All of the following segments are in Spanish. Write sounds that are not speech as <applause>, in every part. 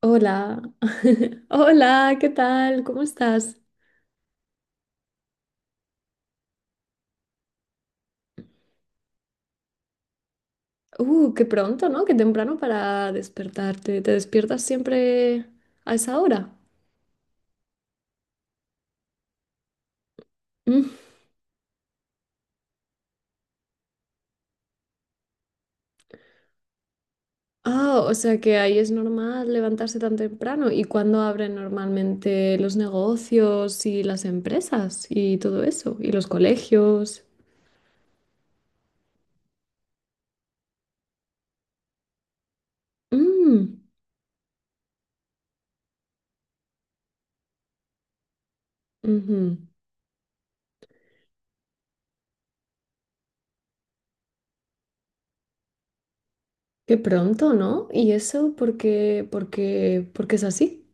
Hola, <laughs> hola, ¿qué tal? ¿Cómo estás? Qué pronto, ¿no? Qué temprano para despertarte. ¿Te despiertas siempre a esa hora? Mm. Ah, o sea que ahí es normal levantarse tan temprano. ¿Y cuándo abren normalmente los negocios y las empresas y todo eso? ¿Y los colegios? Mm, ujú. Qué pronto, ¿no? ¿Y eso porque es así?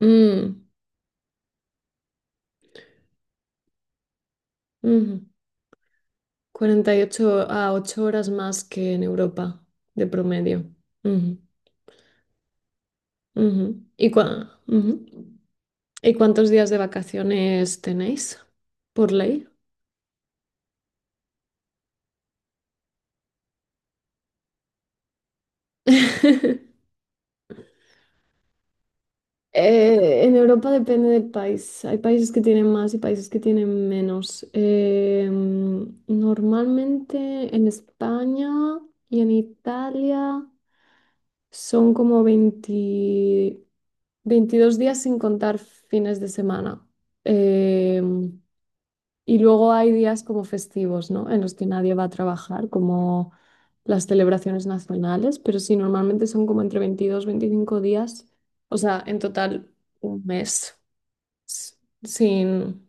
Mm, ujú. 48 a 8 horas más que en Europa, de promedio. Ujú, ujú. Ujú. ¿Y cuántos días de vacaciones tenéis por ley? <laughs> En Europa depende del país. Hay países que tienen más y países que tienen menos. Normalmente en España y en Italia son como 20, 22 días sin contar fines de semana. Eh, y luego hay días como festivos, ¿no? En los que nadie va a trabajar, como las celebraciones nacionales, pero sí, normalmente son como entre 22 a 25 días, o sea, en total un mes s- sin.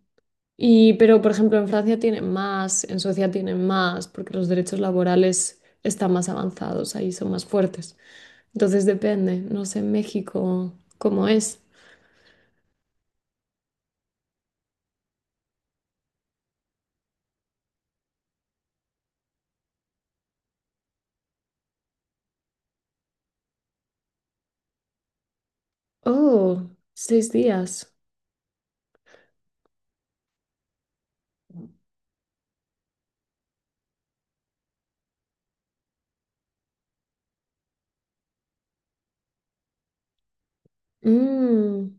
Y, pero, por ejemplo, en Francia tienen más, en Suecia tienen más, porque los derechos laborales están más avanzados, ahí son más fuertes. Entonces depende, no sé, en México, ¿cómo es? Oh, 6 días. Mm.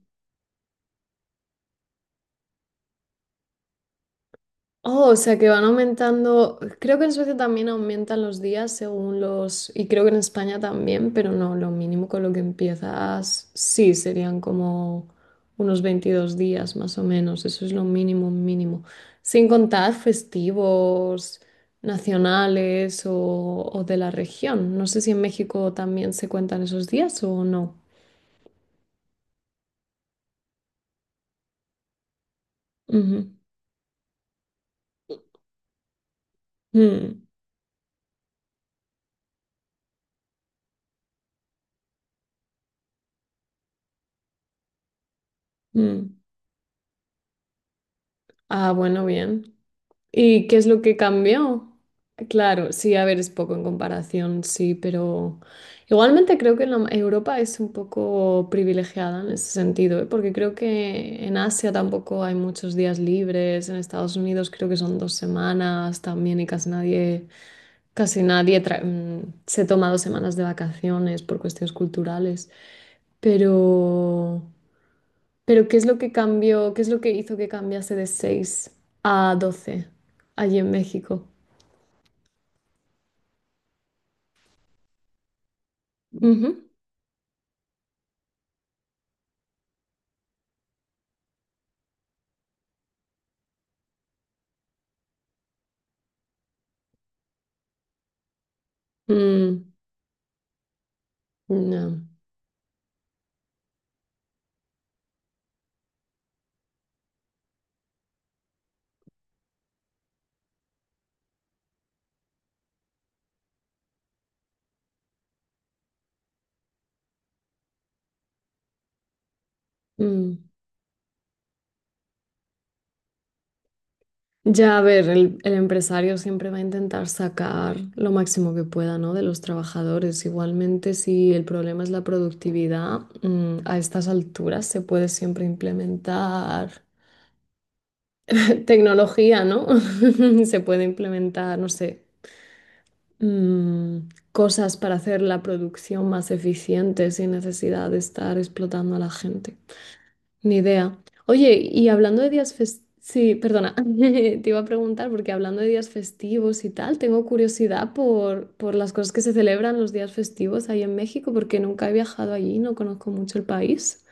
Oh, o sea que van aumentando. Creo que en Suecia también aumentan los días según los. Y creo que en España también, pero no, lo mínimo con lo que empiezas, sí, serían como unos 22 días más o menos. Eso es lo mínimo, mínimo. Sin contar festivos nacionales o de la región. No sé si en México también se cuentan esos días o no. Ujú. Mm, mm. Ah, bueno, bien. ¿Y qué es lo que cambió? Claro, sí, a ver, es poco en comparación, sí, pero igualmente creo que la Europa es un poco privilegiada en ese sentido, ¿eh? Porque creo que en Asia tampoco hay muchos días libres, en Estados Unidos creo que son 2 semanas también y casi nadie, se toma 2 semanas de vacaciones por cuestiones culturales, pero... Pero ¿qué es lo que cambió? ¿Qué es lo que hizo que cambiase de 6 a 12 allí en México? Ujú. Mm, no, mm. Ya, a ver, el empresario siempre va a intentar sacar lo máximo que pueda, ¿no? De los trabajadores. Igualmente, si el problema es la productividad, a estas alturas se puede siempre implementar <laughs> tecnología, ¿no? <laughs> Se puede implementar, no sé. mm, Cosas para hacer la producción más eficiente sin necesidad de estar explotando a la gente. Ni idea. Oye, y hablando de días festivos, sí, perdona, <laughs> te iba a preguntar porque hablando de días festivos y tal, tengo curiosidad por las cosas que se celebran los días festivos ahí en México porque nunca he viajado allí, no conozco mucho el país.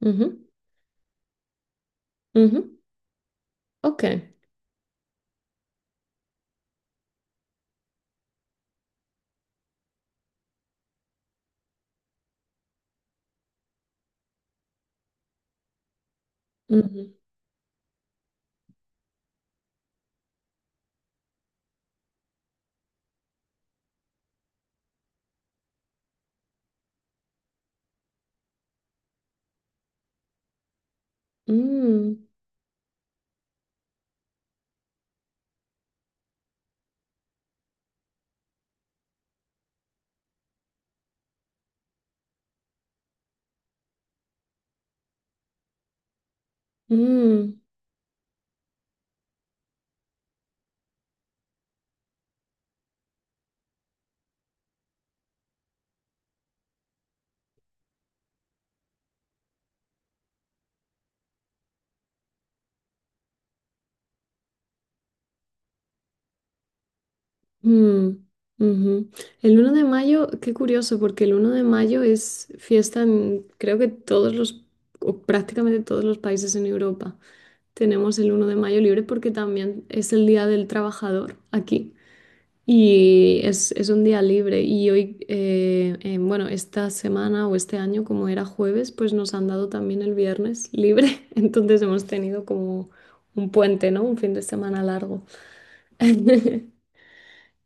Ujú, ujú, ok. Ujú, mm, mm. Mm, ujú. El 1 de mayo, qué curioso, porque el 1 de mayo es fiesta en creo que todos los, o prácticamente todos los países en Europa. Tenemos el 1 de mayo libre porque también es el Día del Trabajador aquí. Y es un día libre. Y hoy, bueno, esta semana o este año, como era jueves, pues nos han dado también el viernes libre. <laughs> Entonces hemos tenido como un puente, ¿no? Un fin de semana largo. <laughs>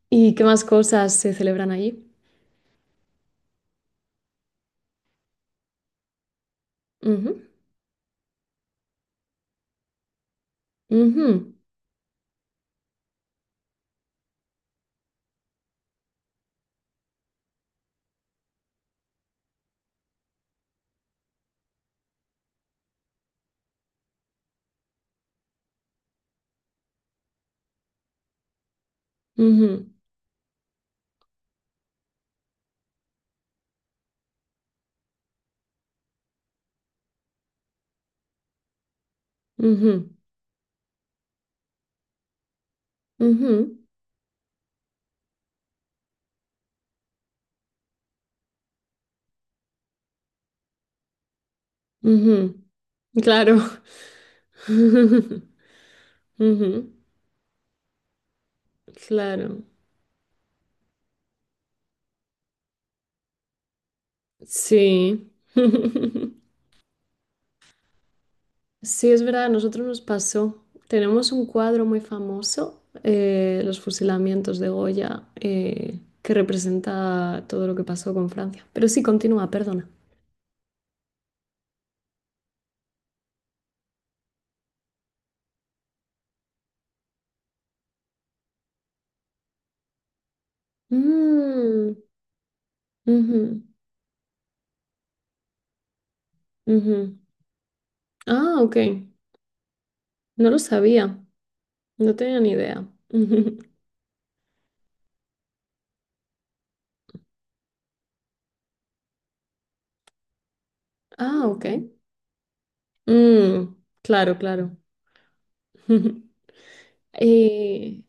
¿Y qué más cosas se celebran allí? Ujú, ujú, ujú, ujú, ujú, ujú. Claro. <laughs> Ujú, claro. Sí. <laughs> Sí, es verdad, a nosotros nos pasó. Tenemos un cuadro muy famoso, Los fusilamientos de Goya, que representa todo lo que pasó con Francia. Pero sí, continúa, perdona. Mm, ujú, ujú. Ah, ok. No lo sabía. No tenía ni idea. <laughs> Ah, ok. Mm, claro, claro. <laughs> Eh,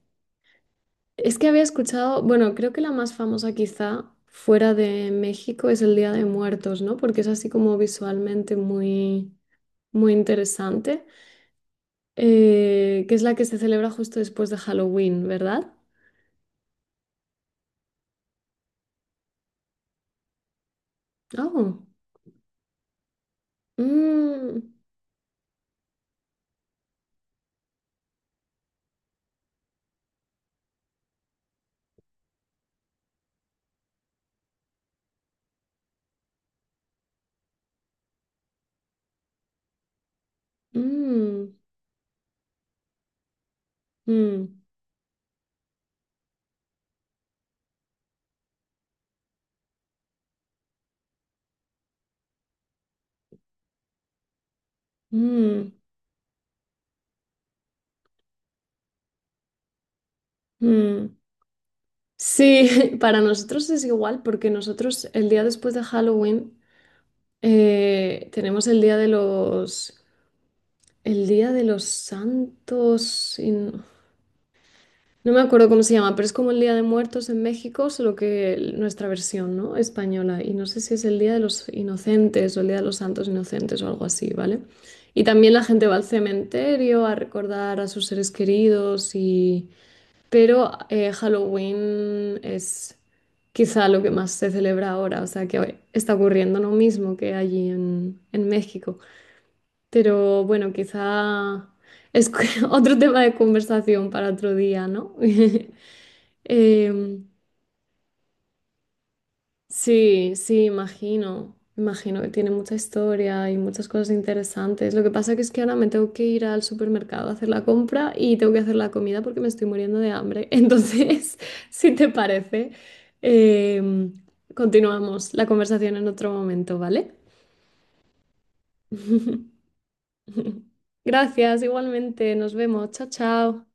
es que había escuchado, bueno, creo que la más famosa quizá fuera de México es el Día de Muertos, ¿no? Porque es así como visualmente muy, muy interesante, que es la que se celebra justo después de Halloween, ¿verdad? Oh. Mm, mm, mm, mm, mm. Sí, <laughs> para nosotros es igual porque nosotros el día después de Halloween tenemos el día de los, el día de los santos y no, no me acuerdo cómo se llama, pero es como el Día de Muertos en México, solo que el nuestra versión, ¿no? Española. Y no sé si es el Día de los Inocentes o el Día de los Santos Inocentes o algo así, ¿vale? Y también la gente va al cementerio a recordar a sus seres queridos y pero Halloween es quizá lo que más se celebra ahora, o sea que hoy está ocurriendo lo mismo que allí en México. Pero bueno, quizá es <laughs> otro tema de conversación para otro día, ¿no? <laughs> Em, Sí, sí, imagino. Imagino que tiene mucha historia y muchas cosas interesantes. Lo que pasa que es que ahora me tengo que ir al supermercado a hacer la compra y tengo que hacer la comida porque me estoy muriendo de hambre. <laughs> Entonces, si te parece, em, continuamos la conversación en otro momento, ¿vale? <laughs> Gracias, igualmente. Nos vemos. Chao, chao.